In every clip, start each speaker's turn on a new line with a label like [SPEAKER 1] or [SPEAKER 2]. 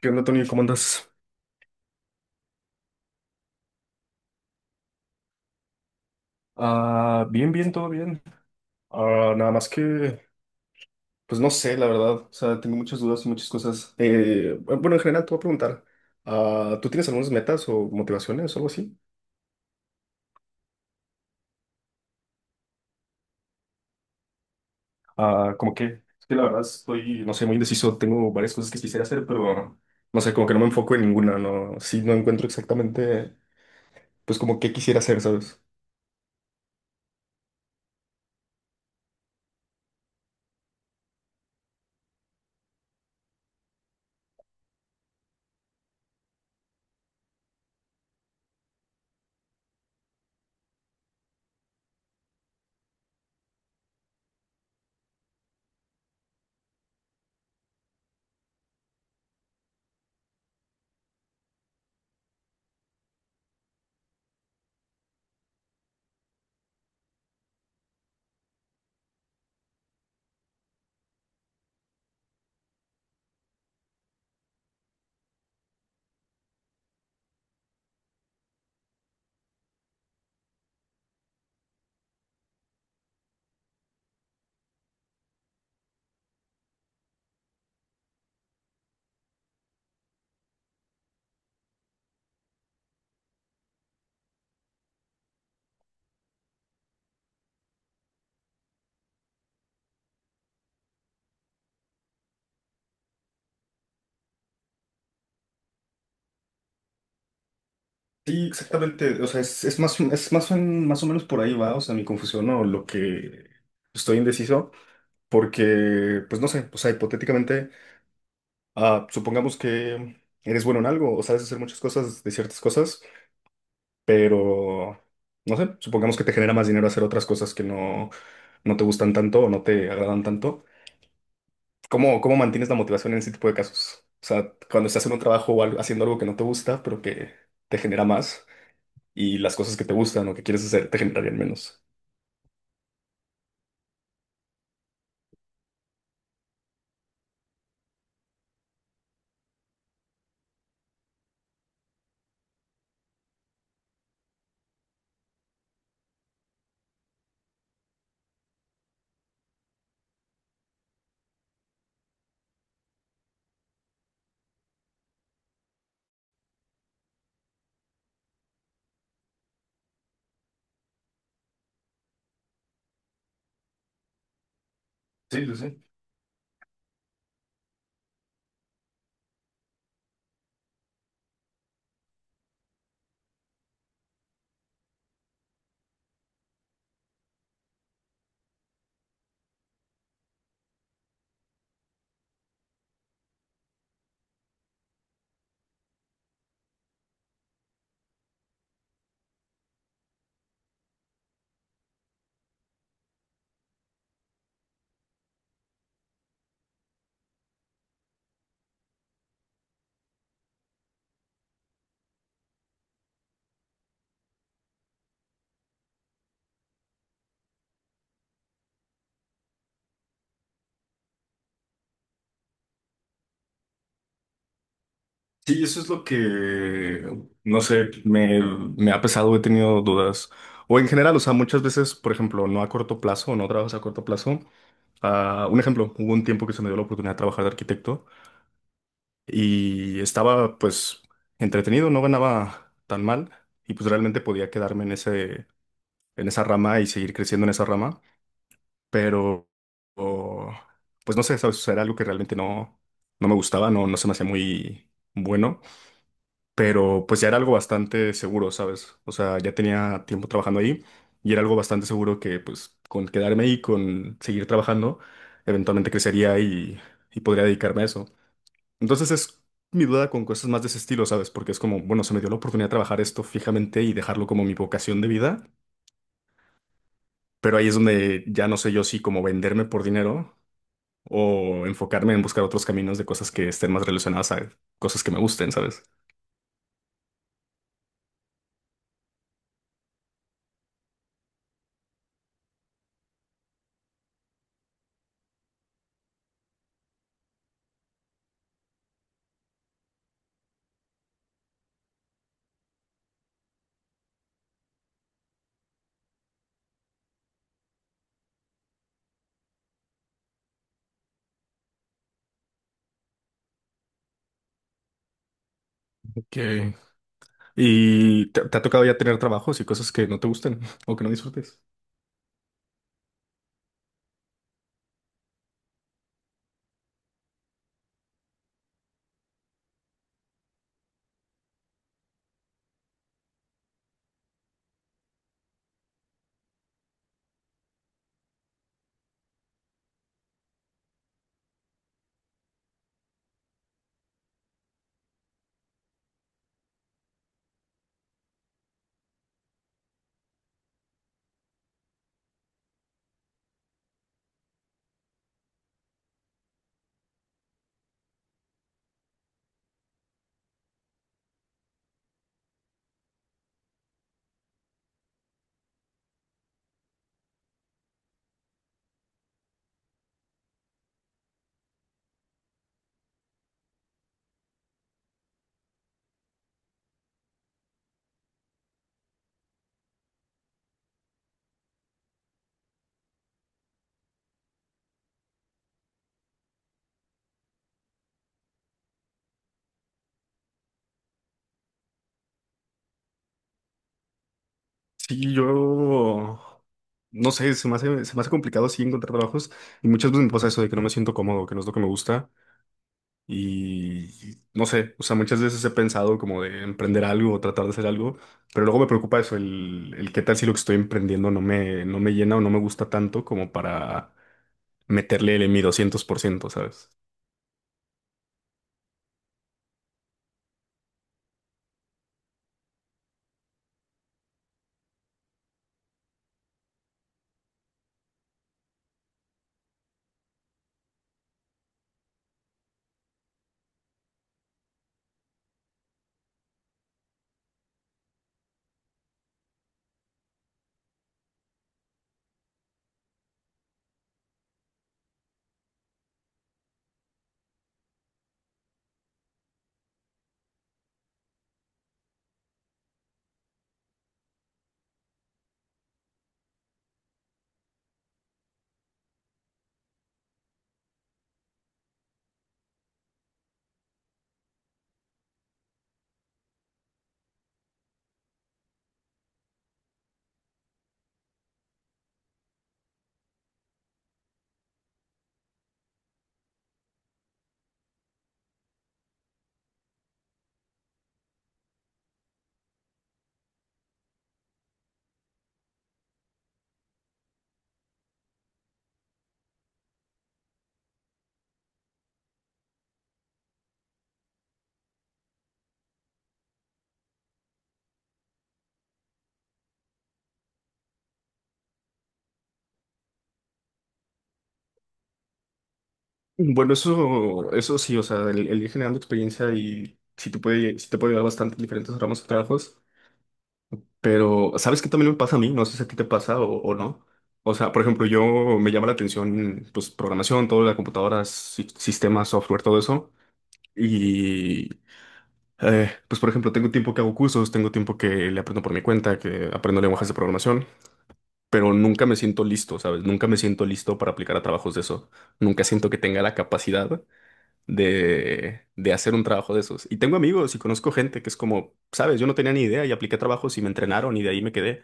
[SPEAKER 1] ¿Qué onda, Tony? ¿Cómo andas? Bien, bien, todo bien. Nada más que, pues no sé, la verdad. O sea, tengo muchas dudas y muchas cosas. Bueno, en general te voy a preguntar, ¿tú tienes algunas metas o motivaciones o algo así? Ah, ¿cómo qué? Es que la verdad estoy, no sé, muy indeciso. Tengo varias cosas que quisiera hacer, pero no sé, como que no me enfoco en ninguna, no. Sí, no encuentro exactamente, pues como qué quisiera hacer, ¿sabes? Sí, exactamente. O sea, es más, o- más o menos por ahí va, o sea, mi confusión o lo que estoy indeciso. Porque, pues no sé, o sea, hipotéticamente, supongamos que eres bueno en algo o sabes hacer muchas cosas de ciertas cosas, pero, no sé, supongamos que te genera más dinero hacer otras cosas que no, no te gustan tanto o no te agradan tanto. ¿Cómo mantienes la motivación en ese tipo de casos? O sea, cuando estás en un trabajo o algo- haciendo algo que no te gusta, pero que te genera más y las cosas que te gustan o que quieres hacer te generarían menos. Sí, sí, sí. Sí, eso es lo que, no sé, me ha pesado, he tenido dudas. O en general, o sea, muchas veces, por ejemplo, no a corto plazo, no trabajas a corto plazo. Ah, un ejemplo, hubo un tiempo que se me dio la oportunidad de trabajar de arquitecto y estaba pues entretenido, no ganaba tan mal y pues realmente podía quedarme en ese, en esa rama y seguir creciendo en esa rama, pero o- pues no sé, ¿sabes? O sea, era algo que realmente no, no me gustaba, no, no se me hacía muy bueno. Pero pues ya era algo bastante seguro, ¿sabes? O sea, ya tenía tiempo trabajando ahí y era algo bastante seguro que pues con quedarme ahí, con seguir trabajando, eventualmente crecería y podría dedicarme a eso. Entonces es mi duda con cosas más de ese estilo, ¿sabes? Porque es como, bueno, se me dio la oportunidad de trabajar esto fijamente y dejarlo como mi vocación de vida, pero ahí es donde ya no sé yo si como venderme por dinero. O enfocarme en buscar otros caminos de cosas que estén más relacionadas a cosas que me gusten, ¿sabes? Ok, ¿y te ha tocado ya tener trabajos y cosas que no te gusten o que no disfrutes? Sí, yo no sé, se me hace complicado sí encontrar trabajos y muchas veces me pasa eso de que no me siento cómodo, que no es lo que me gusta y no sé, o sea, muchas veces he pensado como de emprender algo o tratar de hacer algo, pero luego me preocupa eso, el qué tal si lo que estoy emprendiendo no me, no me llena o no me gusta tanto como para meterle el mi 200%, ¿sabes? Bueno, eso sí, o sea, el ir generando experiencia y si te puede, sí te puede dar bastante diferentes ramos de trabajos, pero ¿sabes qué también me pasa a mí? No sé si a ti te pasa o no. O sea, por ejemplo, yo me llama la atención, pues, programación, todo, la computadora, si- sistemas, software, todo eso. Y, pues, por ejemplo, tengo tiempo que hago cursos, tengo tiempo que le aprendo por mi cuenta, que aprendo lenguajes de programación, pero nunca me siento listo, ¿sabes? Nunca me siento listo para aplicar a trabajos de eso. Nunca siento que tenga la capacidad de hacer un trabajo de esos. Y tengo amigos y conozco gente que es como, sabes, yo no tenía ni idea y apliqué trabajos y me entrenaron y de ahí me quedé.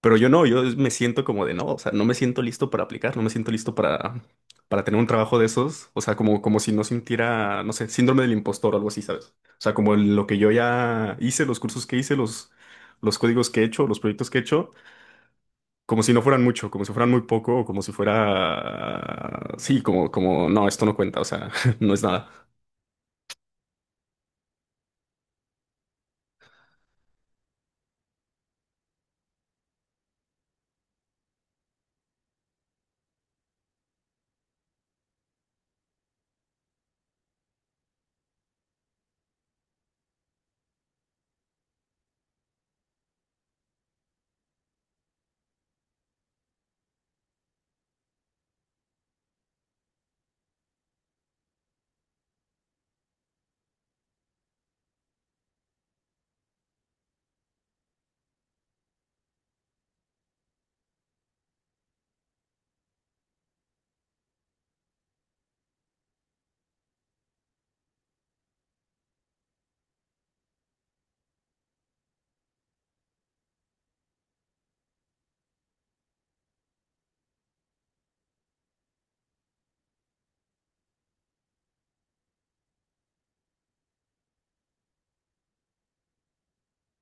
[SPEAKER 1] Pero yo no, yo me siento como de no, o sea, no me siento listo para aplicar, no me siento listo para tener un trabajo de esos. O sea, como, como si no sintiera, no sé, síndrome del impostor o algo así, ¿sabes? O sea, como lo que yo ya hice, los cursos que hice, los códigos que he hecho, los proyectos que he hecho. Como si no fueran mucho, como si fueran muy poco, o como si fuera... Sí, como, como, no, esto no cuenta, o sea, no es nada.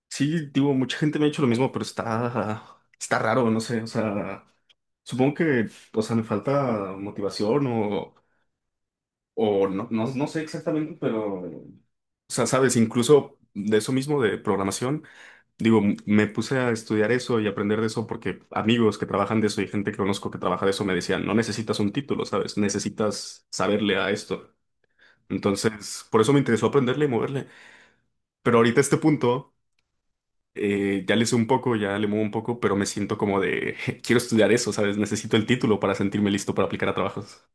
[SPEAKER 1] Sí, digo, mucha gente me ha dicho lo mismo, pero está, está raro, no sé, o sea, supongo que, o sea, me falta motivación o no, no, no sé exactamente, pero, o sea, sabes, incluso de eso mismo, de programación, digo, m- me puse a estudiar eso y aprender de eso porque amigos que trabajan de eso y gente que conozco que trabaja de eso me decían, no necesitas un título, ¿sabes? Necesitas saberle a esto. Entonces, por eso me interesó aprenderle y moverle. Pero ahorita a este punto... ya le sé un poco, ya le muevo un poco, pero me siento como de, quiero estudiar eso, ¿sabes? Necesito el título para sentirme listo para aplicar a trabajos.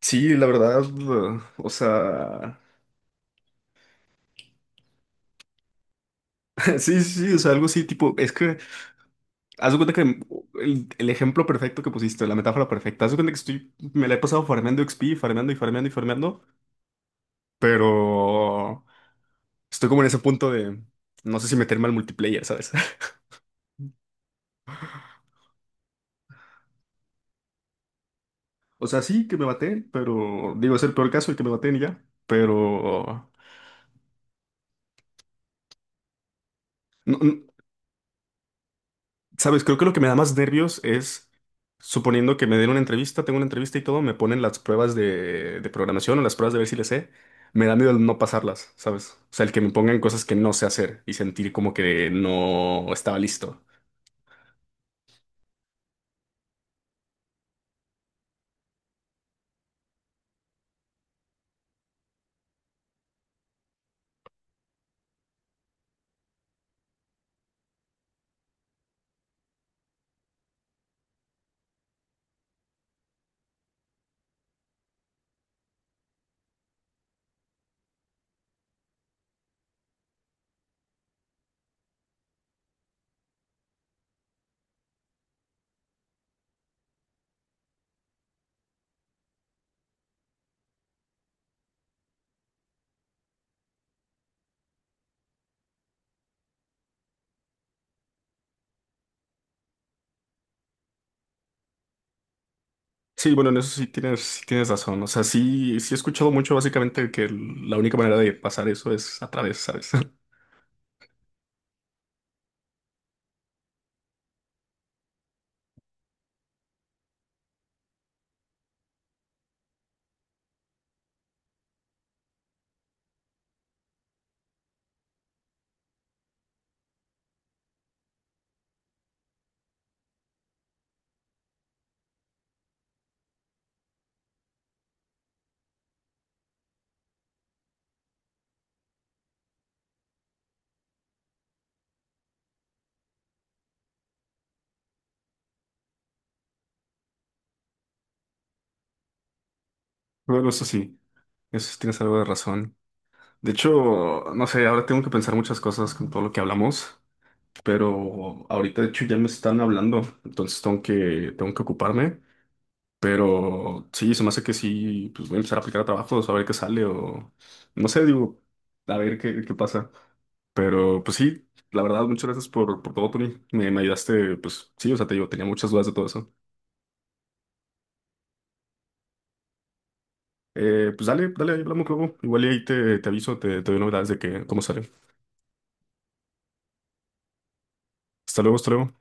[SPEAKER 1] Sí, la verdad, o sea, Sí, sí, sí, o sea, algo así, tipo, es que, haz de cuenta que el ejemplo perfecto que pusiste, la metáfora perfecta, haz de cuenta que estoy, me la he pasado farmeando XP, farmeando y farmeando y farmeando, pero estoy como en ese punto de, no sé si meterme al multiplayer, ¿sabes? O sea, sí, que me maten, pero digo, es el peor caso el que me maten y ya, pero... No, sabes, creo que lo que me da más nervios es, suponiendo que me den una entrevista, tengo una entrevista y todo, me ponen las pruebas de programación o las pruebas de ver si le sé, me da miedo el no pasarlas, ¿sabes? O sea, el que me pongan cosas que no sé hacer y sentir como que no estaba listo. Sí, bueno, en eso sí tienes razón. O sea, sí, sí he escuchado mucho básicamente que el- la única manera de pasar eso es a través, ¿sabes? Bueno, eso sí tienes algo de razón. De hecho, no sé, ahora tengo que pensar muchas cosas con todo lo que hablamos. Pero ahorita de hecho ya me están hablando, entonces tengo que ocuparme, pero sí, se me hace que sí, pues voy a empezar a aplicar a trabajos, a ver qué sale o no sé, digo, a ver qué, qué pasa, pero pues sí, la verdad, muchas gracias por todo, Tony, me ayudaste, pues sí, o sea, te digo, tenía muchas dudas de todo eso. Pues dale, dale, ahí hablamos luego, igual y ahí te, te aviso, te doy novedades de que, cómo sale. Hasta luego, hasta luego.